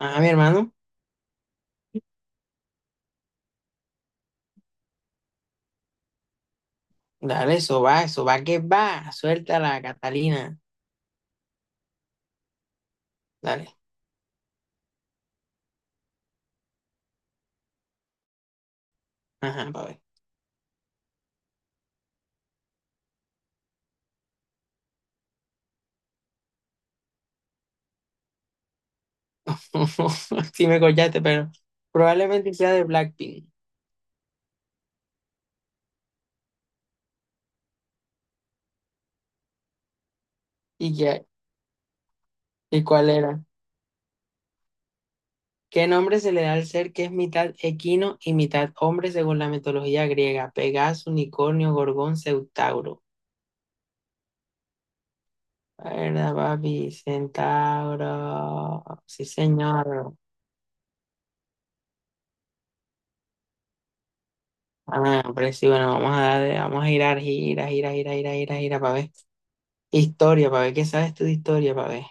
Ah, mi hermano, dale, eso va que va. Suéltala, Catalina. Dale. Ajá, pa' ver. Sí me collaste, pero probablemente sea de Blackpink. ¿Y qué? ¿Y cuál era? ¿Qué nombre se le da al ser que es mitad equino y mitad hombre según la mitología griega? Pegaso, unicornio, gorgón, centauro. ¿Verdad, papi? Centauro. Sí, señor. Ah, hombre, sí, bueno, vamos a darle, vamos a girar, gira, gira, gira, gira, gira, gira, para ver. Historia, para ver qué sabes tú de historia, para ver.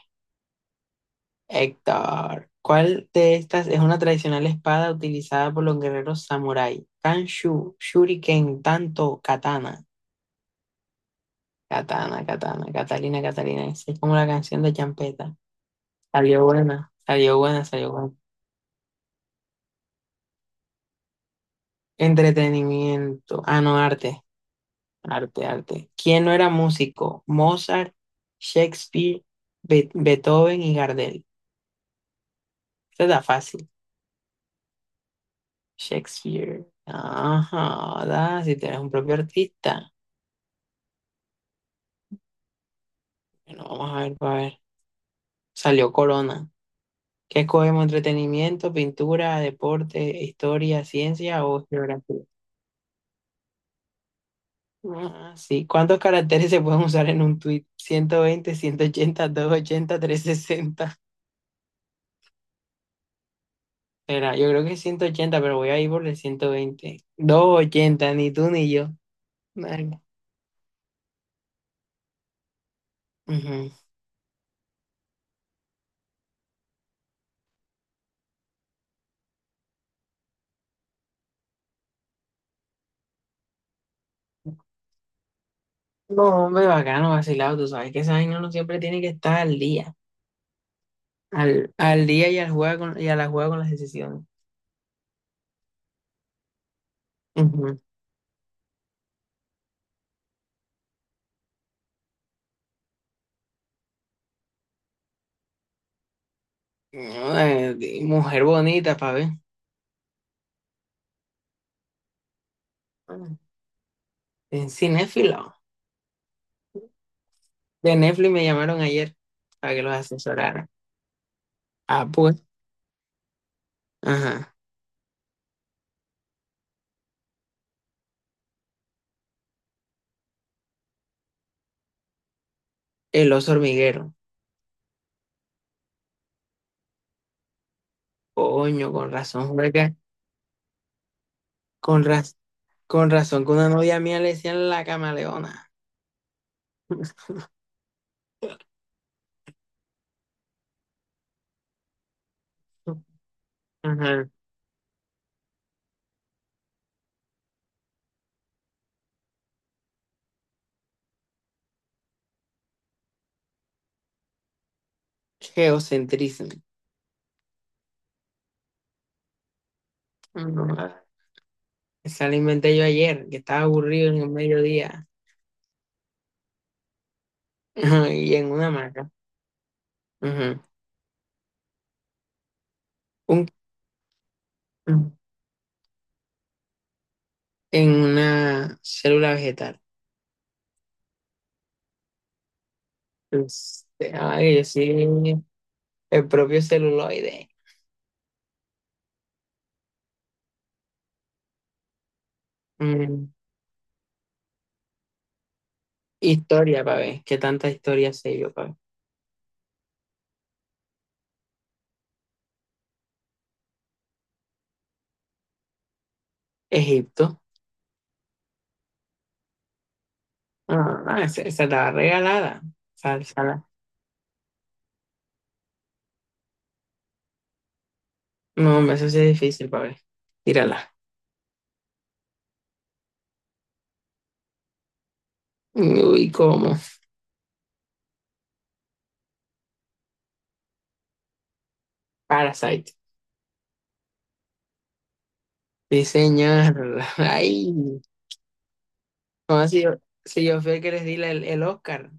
Héctor, ¿cuál de estas es una tradicional espada utilizada por los guerreros samurái? Kanshu, Shuriken, Tanto, Katana. Katana, Katana, Catalina, Catalina. Esa es como la canción de Champeta. Salió buena, salió buena, salió buena. Entretenimiento. Ah, no, arte. Arte, arte. ¿Quién no era músico? Mozart, Shakespeare, Beethoven y Gardel. Esta está fácil. Shakespeare. Ajá, ¿verdad? Si tienes un propio artista. Bueno, vamos a ver, para ver. Salió Corona. ¿Qué escogemos? ¿Entretenimiento, pintura, deporte, historia, ciencia o geografía? Ah, sí. ¿Cuántos caracteres se pueden usar en un tweet? 120, 180, 280, 360. Espera, yo creo que es 180, pero voy a ir por el 120. 280, ni tú ni yo. Vale. Ujú. No, hombre, bacano, vacilado. Tú sabes que esa vaina no siempre tiene que estar al día. Al día y, al juega con, y a la juega con las decisiones. Ujú. Mujer bonita, para ver. En cinéfilo. De Netflix me llamaron ayer para que los asesorara. Ah, pues. Ajá. El oso hormiguero. Coño, con razón, fue que Con, raz- con razón que una novia mía le decían la camaleona. Ajá. Geocentrismo. No, esa la inventé yo ayer, que estaba aburrido en el mediodía. Ajá, y en una hamaca. Ujú. Un, en una célula vegetal. Este, ay, yo sí, el propio celuloide. Mm, Historia, para ver, qué tanta historia sé yo, para ver. Egipto. Ah, ah, esa la regalada. Sal, sala. No, hombre, eso sí es difícil, para ver. Tírala. Uy, ¿cómo? Parasite. Diseñarla. Ay, no, si yo fui el que les di el Oscar.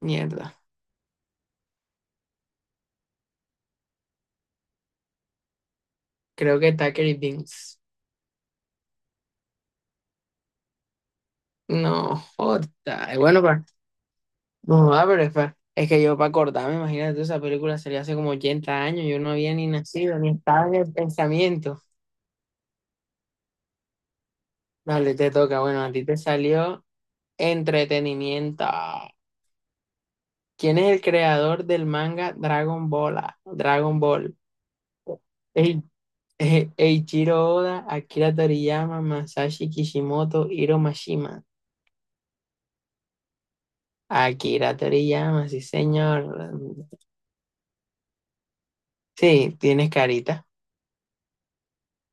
Mierda. Creo que Tucker y Vince. No, jota. Bueno, no, ah, pero es que yo para acordarme, imagínate, esa película sería hace como 80 años, yo no había ni nacido, ni estaba en el pensamiento. Dale, te toca, bueno, a ti te salió entretenimiento. ¿Quién es el creador del manga Dragon Ball? ¿Ah? Dragon Ball. Ei- Eiichiro Oda, Akira Toriyama, Masashi Kishimoto, Hiro Mashima. Akira Toriyama, sí, señor. Sí, tienes carita.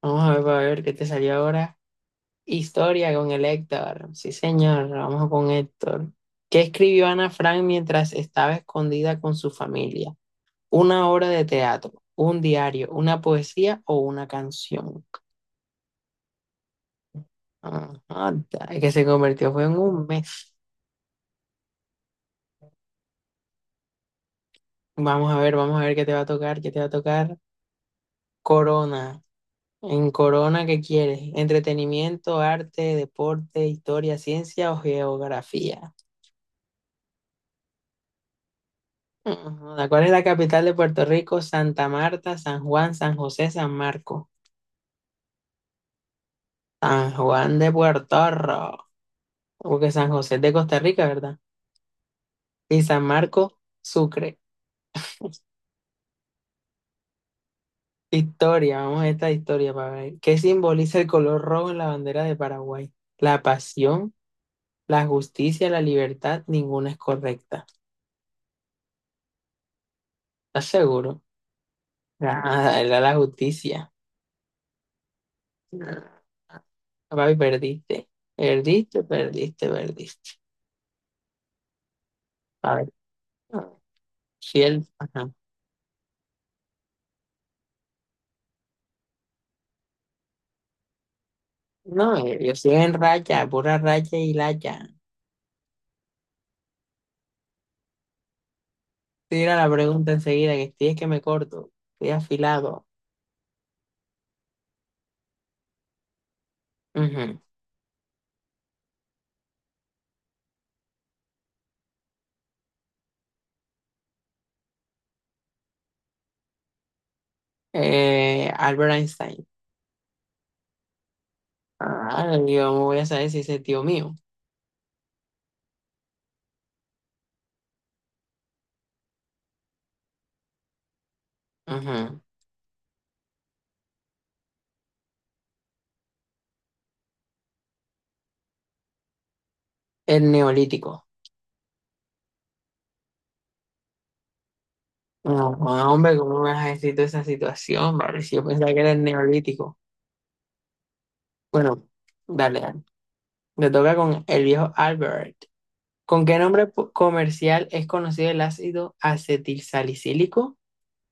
Vamos a ver, para ver qué te salió ahora. Historia con el Héctor. Sí, señor, vamos con Héctor. ¿Qué escribió Ana Frank mientras estaba escondida con su familia? ¿Una obra de teatro, un diario, una poesía o una canción? Ajá, el que se convirtió fue en un mes. Vamos a ver qué te va a tocar, qué te va a tocar. Corona. En Corona, ¿qué quieres? ¿Entretenimiento, arte, deporte, historia, ciencia o geografía? Ajá, ¿cuál es la capital de Puerto Rico? Santa Marta, San Juan, San José, San Marco. San Juan de Puerto Rico, porque San José es de Costa Rica, ¿verdad? Y San Marco, Sucre. Historia, vamos a esta historia para ver. ¿Qué simboliza el color rojo en la bandera de Paraguay? La pasión, la justicia, la libertad, ninguna es correcta. ¿Estás seguro? Ah, era la justicia. Ah, papi, perdiste. Perdiste, perdiste, perdiste. A ver. Fiel. No, yo estoy en racha, pura racha y lacha. Tira la pregunta enseguida, que estoy es que me corto, estoy afilado. Ujú. Albert Einstein. Ah, yo me voy a saber si ese tío mío. Ujú. El neolítico. No, hombre, ¿cómo me has escrito esa situación, vale? Si yo pensaba que era el neolítico. Bueno, dale. Me toca con el viejo Albert. ¿Con qué comercial es conocido el ácido acetilsalicílico?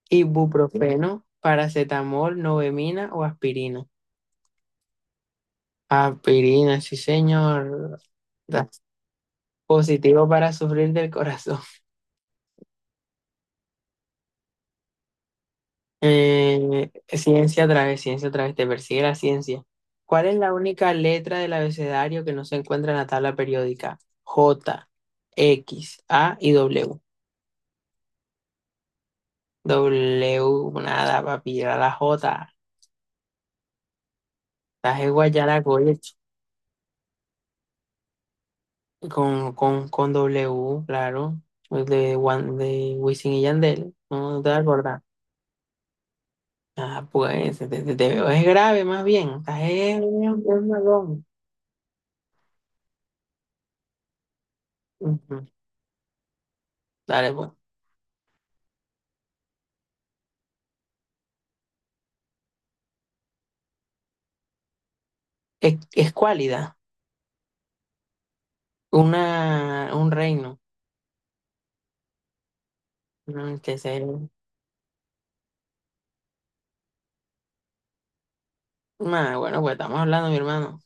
Ibuprofeno, paracetamol, novemina o aspirina. Aspirina, sí, señor. Da- Positivo para sufrir del corazón. Ciencia otra vez, ciencia otra vez, te persigue la ciencia. ¿Cuál es la única letra del abecedario que no se encuentra en la tabla periódica? J, X, A y W. W, nada, papi, era la J. Estás en Guayaracoya, con, con W, claro, el de, de Wisin y Yandel, no te vas a acordar. Ah, pues, te veo, es grave más bien, estás es malón. Ujú, dale, pues. Es cualidad, una, un reino. ¿No? Que se, nah, bueno, pues estamos hablando, mi hermano.